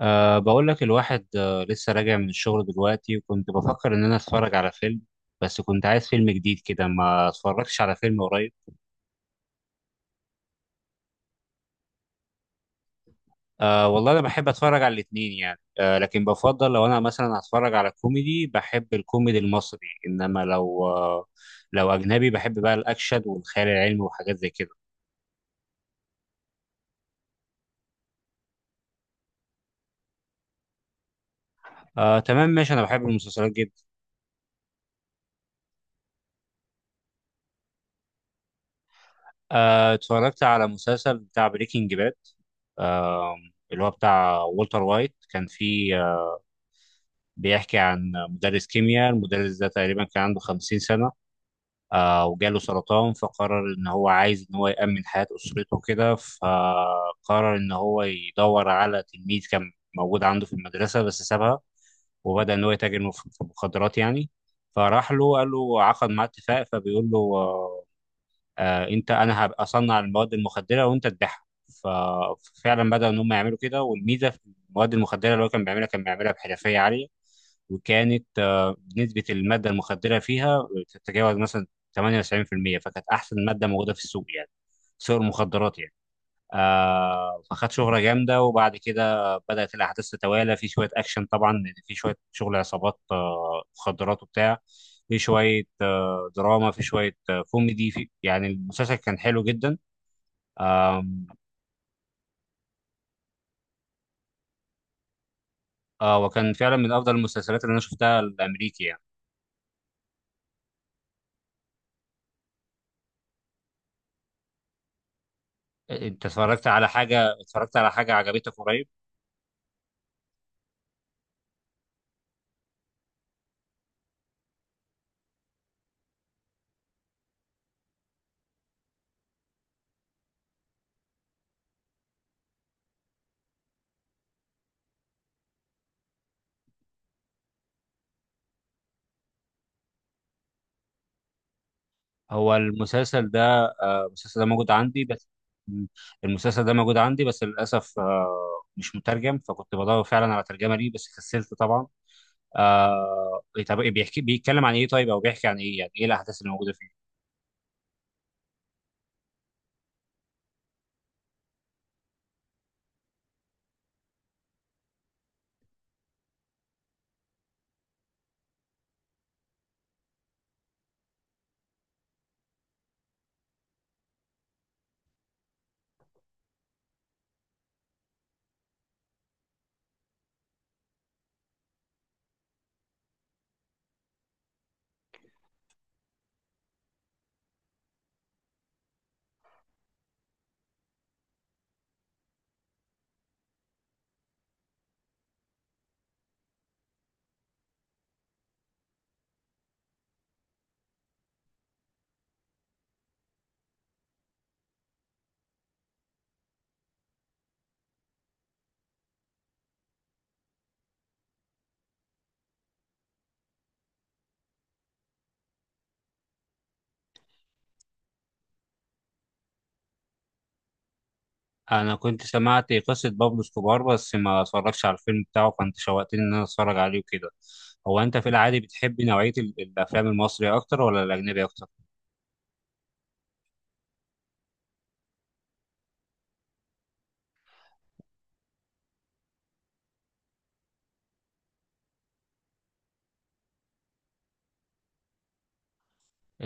بقول لك الواحد، لسه راجع من الشغل دلوقتي، وكنت بفكر إن أنا أتفرج على فيلم. بس كنت عايز فيلم جديد كده، ما اتفرجتش على فيلم قريب. والله أنا بحب أتفرج على الاتنين يعني، لكن بفضل لو أنا مثلا هتفرج على كوميدي بحب الكوميدي المصري. إنما لو أه لو أجنبي بحب بقى الأكشن والخيال العلمي وحاجات زي كده. تمام ماشي، أنا بحب المسلسلات جدا. اتفرجت على مسلسل بتاع بريكنج باد، آه، اللي هو بتاع والتر وايت. كان فيه، بيحكي عن مدرس كيمياء. المدرس ده تقريبا كان عنده 50 سنة، وجاله سرطان. فقرر إن هو عايز إن هو يأمن حياة أسرته كده، فقرر إن هو يدور على تلميذ كان موجود عنده في المدرسة بس سابها، وبدأ إن هو يتاجر في المخدرات يعني. فراح له قال له، عقد معاه اتفاق، فبيقول له: آه انت انا هبقى اصنع المواد المخدره وانت تبيعها. ف- ففعلا بداوا ان هم يعملوا كده. والميزه في المواد المخدره اللي هو كان بيعملها بحرفيه عاليه. وكانت نسبه الماده المخدره فيها تتجاوز مثلا 98%، فكانت احسن ماده موجوده في السوق يعني، سوق المخدرات يعني. فخد شهرة جامدة، وبعد كده بدأت الأحداث تتوالى. في شوية أكشن طبعا لأن في شوية شغل عصابات، مخدرات وبتاع، في شوية دراما، في شوية كوميدي. في يعني المسلسل كان حلو جدا. آم، آه وكان فعلا من أفضل المسلسلات اللي أنا شفتها الأمريكي يعني. أنت اتفرجت على حاجة، عجبتك قريب؟ هو المسلسل ده آه، المسلسل ده موجود عندي بس. مم. المسلسل ده موجود عندي بس للأسف، مش مترجم. فكنت بدور فعلا على ترجمة ليه بس كسلت طبعا. آه، إيه، طب إيه بيحكي، بيتكلم عن ايه، طيب او بيحكي عن ايه يعني، ايه الأحداث اللي موجودة فيه؟ انا كنت سمعت قصة بابلو اسكوبار بس ما اتفرجتش على الفيلم بتاعه، فانت شوقتني ان انا اتفرج عليه وكده. هو انت في العادي بتحب نوعية الافلام المصري اكتر ولا الاجنبي اكتر؟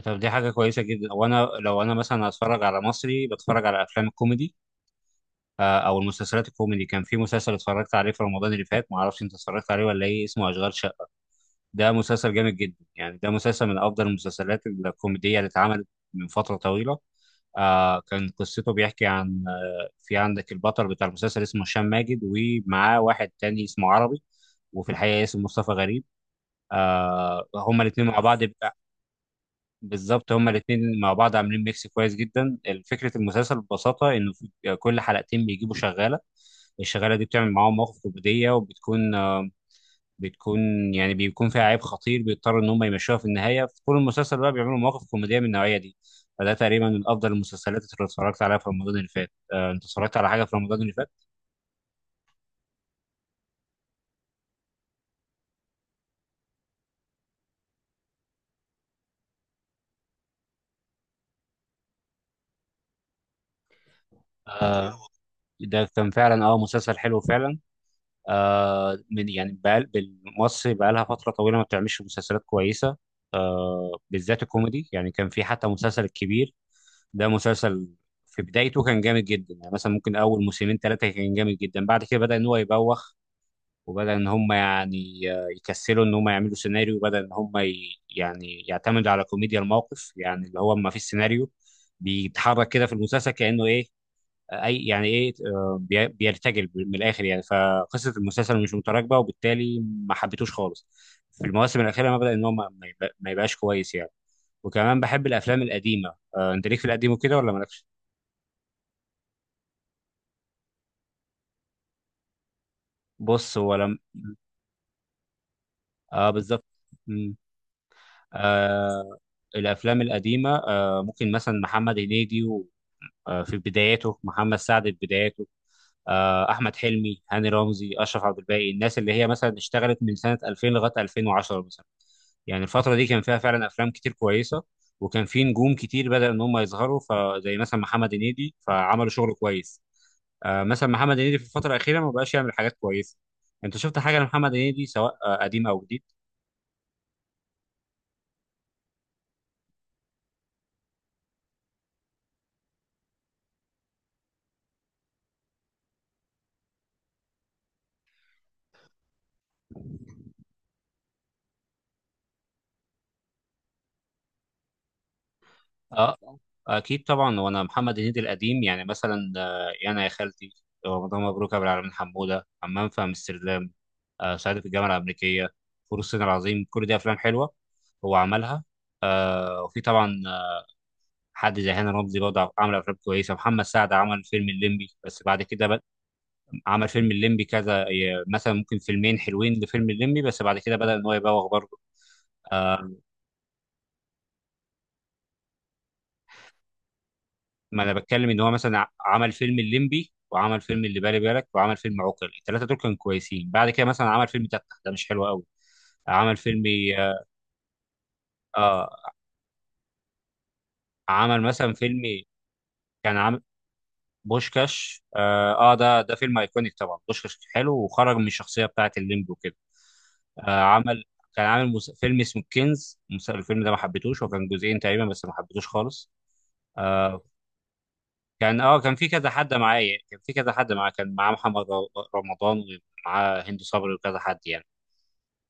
طب دي حاجة كويسة جدا، وانا لو انا مثلا هتفرج على مصري بتفرج على افلام الكوميدي، او المسلسلات الكوميدي. كان في مسلسل اتفرجت عليه في رمضان اللي فات، ما اعرفش انت اتفرجت عليه ولا ايه، اسمه اشغال شقه. ده مسلسل جامد جدا يعني، ده مسلسل من افضل المسلسلات الكوميديه اللي اتعملت من فتره طويله. كان قصته بيحكي عن، في عندك البطل بتاع المسلسل اسمه هشام ماجد، ومعاه واحد تاني اسمه عربي، وفي الحقيقة اسمه مصطفى غريب. هما الاتنين مع بعض. بالظبط، هما الاثنين مع بعض عاملين ميكس كويس جدا. فكره المسلسل ببساطه، انه في كل حلقتين بيجيبوا شغاله. الشغاله دي بتعمل معاهم مواقف كوميديه، وبتكون بتكون يعني بيكون فيها عيب خطير بيضطروا ان هم يمشوها في النهايه. في طول المسلسل بقى بيعملوا مواقف كوميديه من النوعيه دي. فده تقريبا من افضل المسلسلات اللي اتفرجت عليها في رمضان اللي فات. انت اتفرجت على حاجه في رمضان اللي فات؟ آه، ده كان فعلا مسلسل حلو فعلا. من يعني بقال، مصر بقى لها فترة طويلة ما بتعملش مسلسلات كويسة، بالذات الكوميدي يعني. كان في حتى مسلسل الكبير، ده مسلسل في بدايته كان جامد جدا يعني. مثلا ممكن أول موسمين ثلاثة كان جامد جدا، بعد كده بدأ إن هو يبوخ، وبدأ إن هم يعني يكسلوا إن هم يعملوا سيناريو. وبدأ إن هم يعني يعتمدوا على كوميديا الموقف، يعني اللي هو ما فيش سيناريو. بيتحرك كده في المسلسل كأنه إيه، اي يعني ايه، بيرتجل من الاخر يعني. فقصه المسلسل مش متراكبه، وبالتالي ما حبيتوش خالص. في المواسم الاخيره ما بدا ان هو ما يبقاش كويس يعني. وكمان بحب الافلام القديمه. انت ليك في القديم وكده ولا مالكش؟ بص هو لم. اه بالظبط. مم. آه الافلام القديمه، ممكن مثلا محمد هنيدي في بداياته، محمد سعد في بداياته، احمد حلمي، هاني رمزي، اشرف عبد الباقي. الناس اللي هي مثلا اشتغلت من سنه 2000 لغايه 2010 مثلا، يعني الفتره دي كان فيها فعلا افلام كتير كويسه. وكان في نجوم كتير بدأ ان هم يظهروا، فزي مثلا محمد هنيدي فعملوا شغل كويس. مثلا محمد هنيدي في الفتره الاخيره ما بقاش يعمل حاجات كويسه. انت شفت حاجه لمحمد هنيدي سواء قديم او جديد؟ اكيد طبعا، وانا محمد هنيدي القديم يعني مثلا، يا انا يا خالتي، رمضان مبروك يا ابو العالمين حموده، حمام في امستردام، صعيدي في الجامعه الامريكيه، فول الصين العظيم، كل دي افلام حلوه هو عملها. وفي طبعا، حد زي هاني رمزي برضه عمل افلام كويسه. محمد سعد عمل فيلم الليمبي، بس بعد كده عمل فيلم الليمبي كذا مثلا ممكن فيلمين حلوين لفيلم الليمبي، بس بعد كده بدأ ان هو يبوغ برضه. آه، ما انا بتكلم ان هو مثلا عمل فيلم الليمبي، وعمل فيلم اللي بالي بالك، وعمل فيلم عوكل، الثلاثه دول كانوا كويسين. بعد كده مثلا عمل فيلم تفتح، ده مش حلو قوي. عمل فيلم اه عمل مثلا فيلم كان عامل بوشكاش، ده فيلم ايكونيك طبعا. بوشكاش حلو وخرج من الشخصيه بتاعت الليمبي وكده. آه عمل كان عامل فيلم اسمه كنز، الفيلم ده ما حبيتوش، وكان جزئين تقريبا بس ما حبيتوش خالص. آه، كان في كذا حد معايا، كان في كذا حد معاه كان معاه محمد رمضان، ومعاه هند صبري وكذا حد يعني.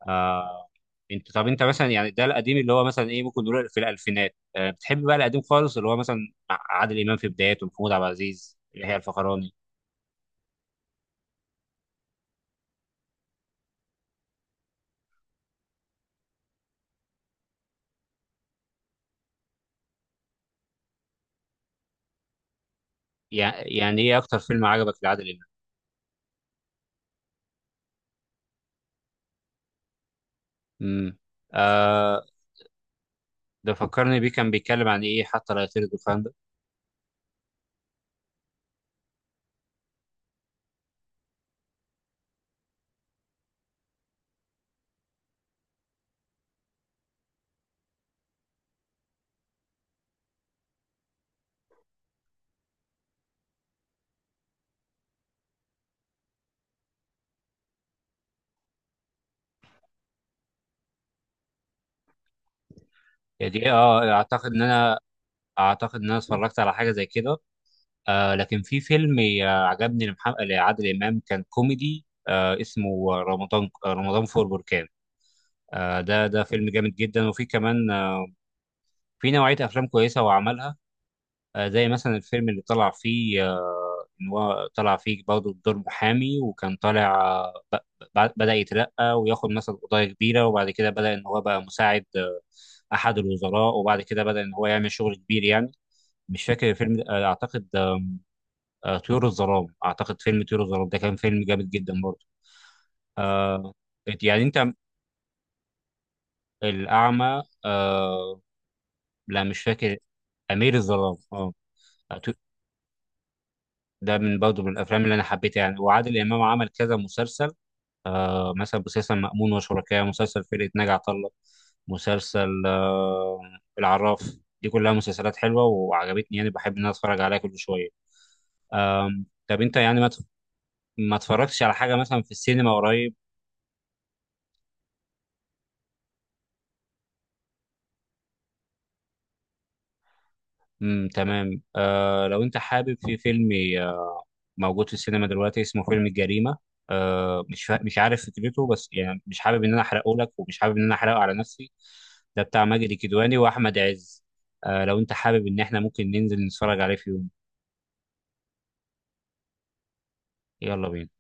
آه انت طب انت مثلا يعني، ده القديم اللي هو مثلا ايه، ممكن نقول في الالفينات. بتحب بقى القديم خالص، اللي هو مثلا مع عادل امام في بداياته ومحمود عبد العزيز اللي هي الفخراني؟ يعني ايه اكتر فيلم عجبك لعادل امام؟ امم آه ده فكرني بيه، كان بيتكلم عن ايه حتى لا يطير الدخان ده؟ يعني دي اعتقد ان انا، اتفرجت على حاجه زي كده. لكن في فيلم عجبني لعادل إمام كان كوميدي، اسمه رمضان فور بركان. ده فيلم جامد جدا. وفي كمان في نوعية أفلام كويسة هو عملها، زي مثلا الفيلم اللي طلع فيه، إن هو طلع فيه برضه بدور محامي، وكان طالع بدأ يترقى وياخد مثلا قضايا كبيرة. وبعد كده بدأ إن هو بقى مساعد أحد الوزراء، وبعد كده بدأ إن هو يعمل شغل كبير يعني. مش فاكر الفيلم ده، أعتقد طيور الظلام. اعتقد فيلم طيور الظلام ده كان فيلم جامد جدا برضه. آه يعني انت، الاعمى، لا مش فاكر. امير الظلام، اه. تو- ده من برضه من الافلام اللي انا حبيتها يعني. وعادل امام عمل كذا مسلسل، مثلا مسلسل مأمون وشركاه، مسلسل فرقة ناجي عطا الله، مسلسل العراف. دي كلها مسلسلات حلوه وعجبتني يعني، بحب ان انا اتفرج عليها كل شويه. طب انت يعني ما اتفرجتش على حاجه مثلا في السينما قريب؟ امم، تمام. لو انت حابب، في فيلم آه، موجود في السينما دلوقتي اسمه فيلم الجريمة، مش مش عارف فكرته، بس يعني مش حابب ان انا احرقه لك، ومش حابب ان انا احرقه على نفسي. ده بتاع ماجد الكدواني واحمد عز. لو انت حابب، ان احنا ممكن ننزل نتفرج عليه في يوم. يلا بينا.